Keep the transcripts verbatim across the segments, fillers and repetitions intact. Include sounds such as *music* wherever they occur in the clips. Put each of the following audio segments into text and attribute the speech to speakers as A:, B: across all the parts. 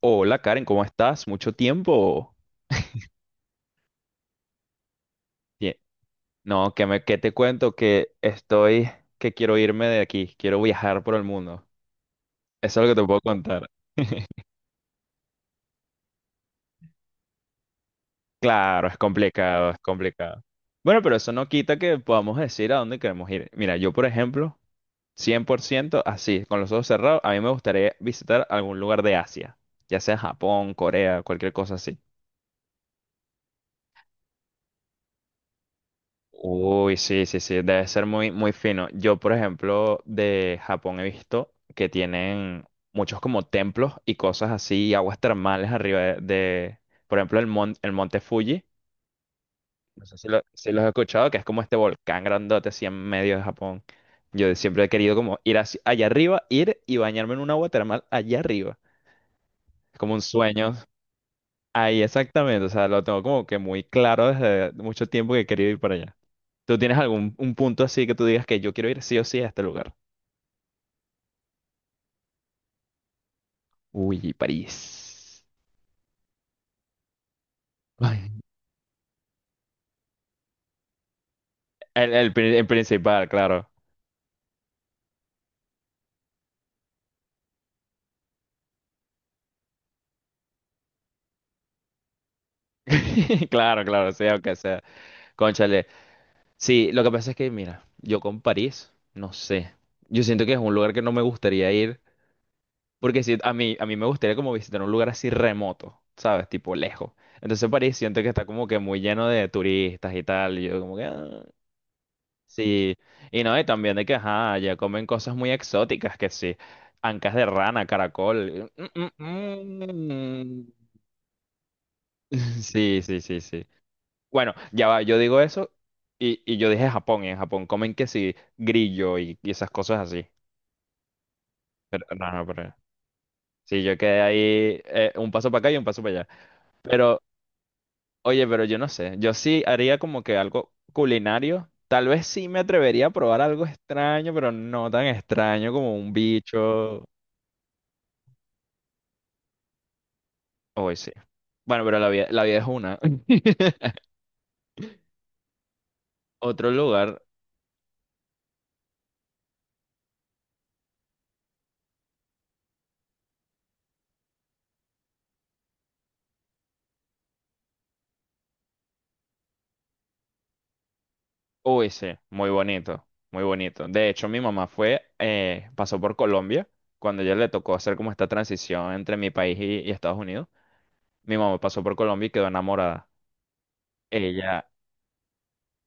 A: Hola Karen, ¿cómo estás? ¿Mucho tiempo? Bien. No, que me, que te cuento que estoy, que quiero irme de aquí, quiero viajar por el mundo. Eso es lo que te puedo contar. *laughs* Claro, es complicado, es complicado. Bueno, pero eso no quita que podamos decir a dónde queremos ir. Mira, yo por ejemplo, cien por ciento, así, con los ojos cerrados, a mí me gustaría visitar algún lugar de Asia, ya sea Japón, Corea, cualquier cosa así. Uy, sí, sí, sí, debe ser muy, muy fino. Yo, por ejemplo, de Japón he visto que tienen muchos como templos y cosas así, y aguas termales arriba de, de, por ejemplo, el, mon- el monte Fuji. No sé si lo, si los he escuchado, que es como este volcán grandote así en medio de Japón. Yo siempre he querido como ir así- allá arriba, ir y bañarme en un agua termal allá arriba. Es como un sueño. Ahí exactamente, o sea, lo tengo como que muy claro desde mucho tiempo que he querido ir para allá. ¿Tú tienes algún un punto así que tú digas que yo quiero ir sí o sí a este lugar? Uy, París. Ay, El, el pri- el principal, claro. *laughs* Claro, claro, sea aunque sea. Cónchale. Sí, lo que pasa es que, mira, yo con París, no sé. Yo siento que es un lugar que no me gustaría ir, porque si a mí, a mí me gustaría como visitar un lugar así remoto, ¿sabes? Tipo lejos. Entonces París siento que está como que muy lleno de turistas y tal, y yo como que... ah. Sí, y no, y también de que, ajá, ya comen cosas muy exóticas, que sí, ancas de rana, caracol. mm, mm, mm. *laughs* Sí, sí, sí, sí. Bueno, ya va, yo digo eso y, y yo dije Japón, y en Japón comen que sí, grillo y, y esas cosas así. Pero, no, no, pero... Sí, yo quedé ahí eh, un paso para acá y un paso para allá. Pero, oye, pero yo no sé, yo sí haría como que algo culinario. Tal vez sí me atrevería a probar algo extraño, pero no tan extraño como un bicho. OS. Bueno, pero la vida, la vida es una. *laughs* Otro lugar, OS, muy bonito, muy bonito. De hecho, mi mamá fue, eh, pasó por Colombia, cuando ella le tocó hacer como esta transición entre mi país y, y Estados Unidos. Mi mamá pasó por Colombia y quedó enamorada. Ella,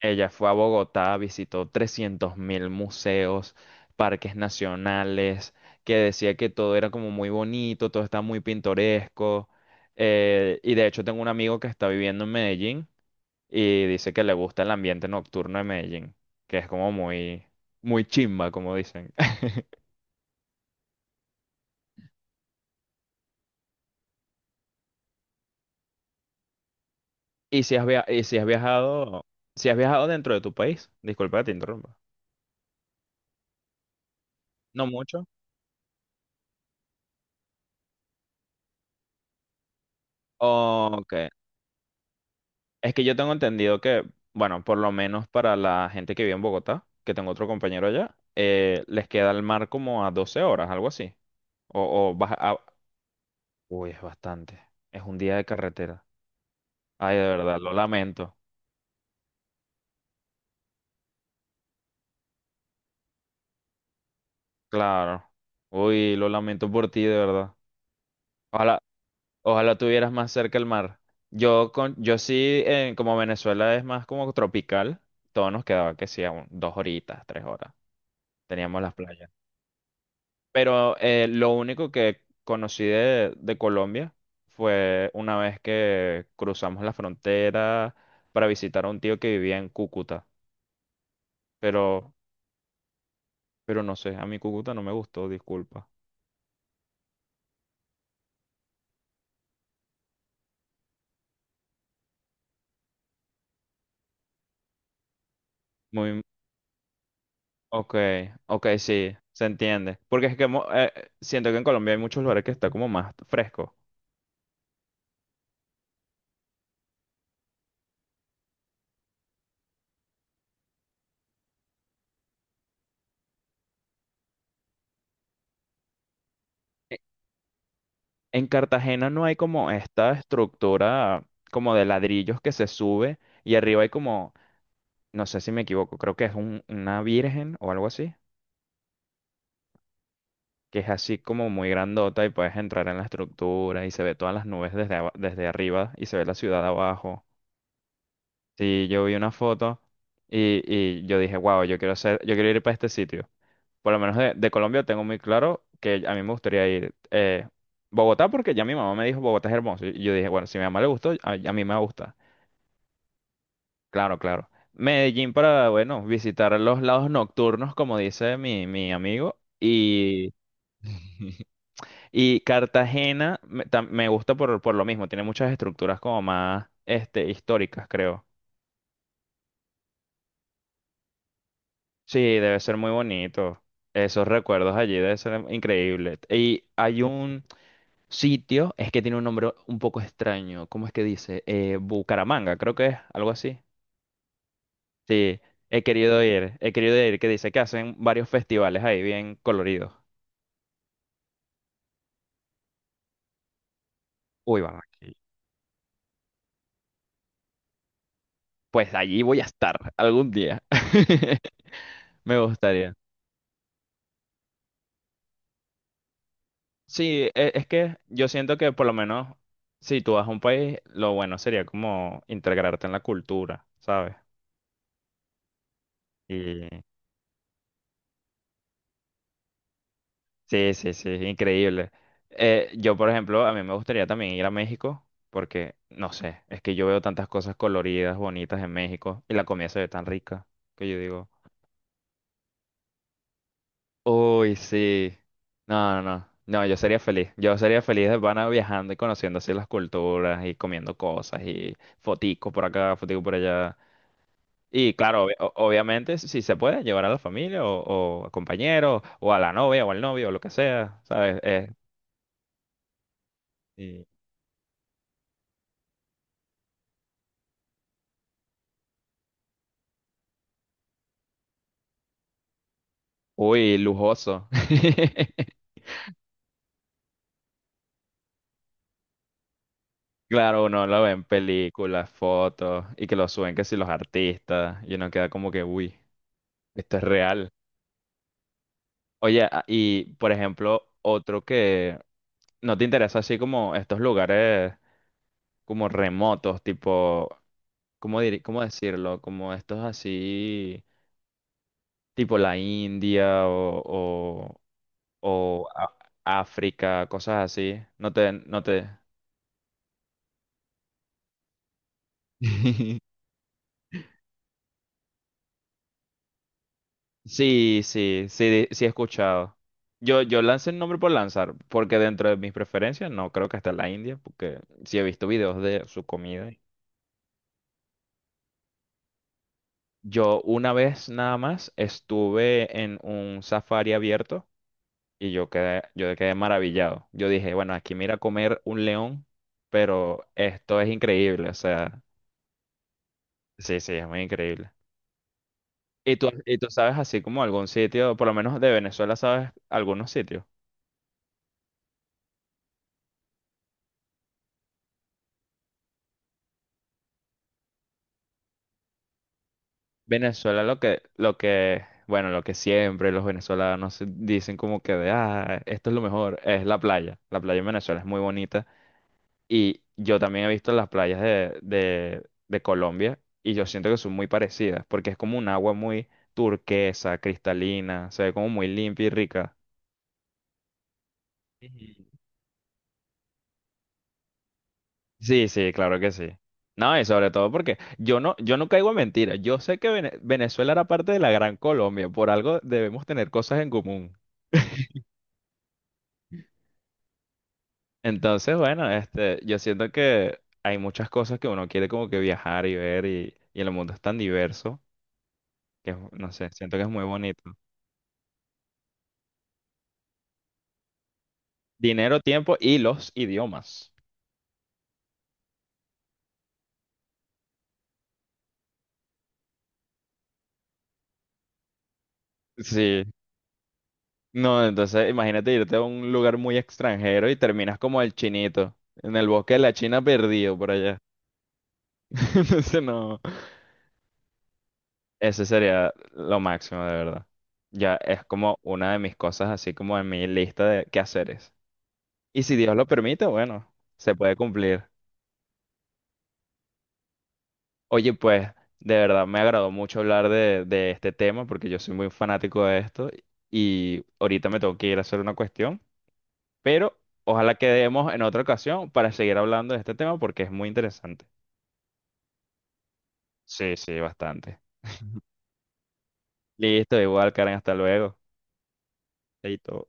A: ella fue a Bogotá, visitó trescientos mil museos, parques nacionales, que decía que todo era como muy bonito, todo está muy pintoresco. Eh, y de hecho tengo un amigo que está viviendo en Medellín y dice que le gusta el ambiente nocturno de Medellín, que es como muy, muy chimba, como dicen. *laughs* ¿Y si has via- y si has viajado, si has viajado dentro de tu país? Disculpa que te interrumpa. No mucho. Ok. Es que yo tengo entendido que, bueno, por lo menos para la gente que vive en Bogotá, que tengo otro compañero allá, eh, les queda el mar como a doce horas, algo así. O, o vas a... Uy, es bastante. Es un día de carretera. Ay, de verdad, lo lamento. Claro. Uy, lo lamento por ti, de verdad. Ojalá, ojalá tuvieras más cerca el mar. Yo, con, yo sí, eh, como Venezuela es más como tropical, todo nos quedaba que sí, a un- dos horitas, tres horas. Teníamos las playas. Pero eh, lo único que conocí de, de Colombia fue una vez que cruzamos la frontera para visitar a un tío que vivía en Cúcuta. Pero, pero no sé, a mí Cúcuta no me gustó, disculpa. Muy, ok, ok, sí, se entiende. Porque es que mo- eh, siento que en Colombia hay muchos lugares que está como más fresco. E- En Cartagena no hay como esta estructura como de ladrillos que se sube y arriba hay como, no sé si me equivoco, creo que es un- una virgen o algo así, que es así como muy grandota y puedes entrar en la estructura y se ve todas las nubes desde, aba- desde arriba y se ve la ciudad abajo. Sí, yo vi una foto y, y yo dije, wow, yo quiero hacer, yo quiero ir para este sitio. Por lo menos de, de Colombia tengo muy claro que a mí me gustaría ir eh, Bogotá porque ya mi mamá me dijo Bogotá es hermoso. Y yo dije, bueno, si a mi mamá le gustó, a, a mí me va a gustar. Claro, claro. Medellín para, bueno, visitar los lados nocturnos, como dice mi, mi amigo. Y, *laughs* y Cartagena me, tam- me gusta por, por lo mismo. Tiene muchas estructuras como más este, históricas, creo. Sí, debe ser muy bonito. Esos recuerdos allí debe ser increíble. Y hay un... sitio es que tiene un nombre un poco extraño. ¿Cómo es que dice? Eh, Bucaramanga, creo que es algo así. Sí, he querido ir, he querido ir, que dice que hacen varios festivales ahí bien coloridos. Uy, Barranquilla. Pues allí voy a estar algún día. *laughs* Me gustaría. Sí, e- es que yo siento que por lo menos si tú vas a un país, lo bueno sería como integrarte en la cultura, ¿sabes? Sí, sí, sí, increíble. Eh, yo, por ejemplo, a mí me gustaría también ir a México porque, no sé, es que yo veo tantas cosas coloridas, bonitas en México y la comida se ve tan rica que yo digo, uy, sí. No, no, no, no, yo sería feliz. Yo sería feliz de pana viajando y conociendo así las culturas y comiendo cosas y foticos por acá, foticos por allá. Y claro, obvi- o- obviamente, si se puede, llevar a la familia o, o a compañeros o a la novia o al novio o lo que sea, ¿sabes? Eh, Uy, lujoso. *laughs* Claro, uno lo ve en películas, fotos y que lo suben que si los artistas y uno queda como que, uy, esto es real. Oye, a- y por ejemplo, otro que no te interesa así como estos lugares como remotos, tipo, ¿cómo dir- cómo decirlo? Como estos así, tipo la India o, o, o a- África, cosas así. No te, no te. *laughs* Sí, sí, sí, sí he escuchado. Yo, yo lancé el nombre por lanzar, porque dentro de mis preferencias no creo que hasta la India, porque sí he visto videos de su comida. Yo una vez nada más estuve en un safari abierto y yo quedé, yo quedé maravillado. Yo dije, bueno, aquí mira comer un león, pero esto es increíble, o sea, sí, sí, es muy increíble. ¿Y tú, ¿y tú sabes así como algún sitio, por lo menos de Venezuela, sabes algunos sitios? Venezuela lo que, lo que, bueno, lo que siempre los venezolanos dicen como que de, ah, esto es lo mejor, es la playa. La playa en Venezuela es muy bonita y yo también he visto las playas de, de, de Colombia y yo siento que son muy parecidas porque es como un agua muy turquesa, cristalina, se ve como muy limpia y rica. Ujú. Sí, sí, claro que sí. No, y sobre todo porque yo no, yo no caigo en mentiras. Yo sé que Vene- Venezuela era parte de la Gran Colombia, por algo debemos tener cosas en común. Entonces, bueno, este, yo siento que hay muchas cosas que uno quiere como que viajar y ver y, y el mundo es tan diverso que, es- no sé, siento que es muy bonito. Dinero, tiempo y los idiomas. Sí, no, entonces imagínate irte a un lugar muy extranjero y terminas como el chinito, en el bosque de la China perdido por allá. *laughs* Entonces, no, ese sería lo máximo de verdad. Ya es como una de mis cosas así como en mi lista de quehaceres. Y si Dios lo permite, bueno, se puede cumplir. Oye, pues, de verdad me agradó mucho hablar de, de este tema porque yo soy muy fanático de esto y ahorita me tengo que ir a hacer una cuestión, pero ojalá quedemos en otra ocasión para seguir hablando de este tema porque es muy interesante. Sí, sí, bastante. Listo, igual, Karen, hasta luego. Chaito.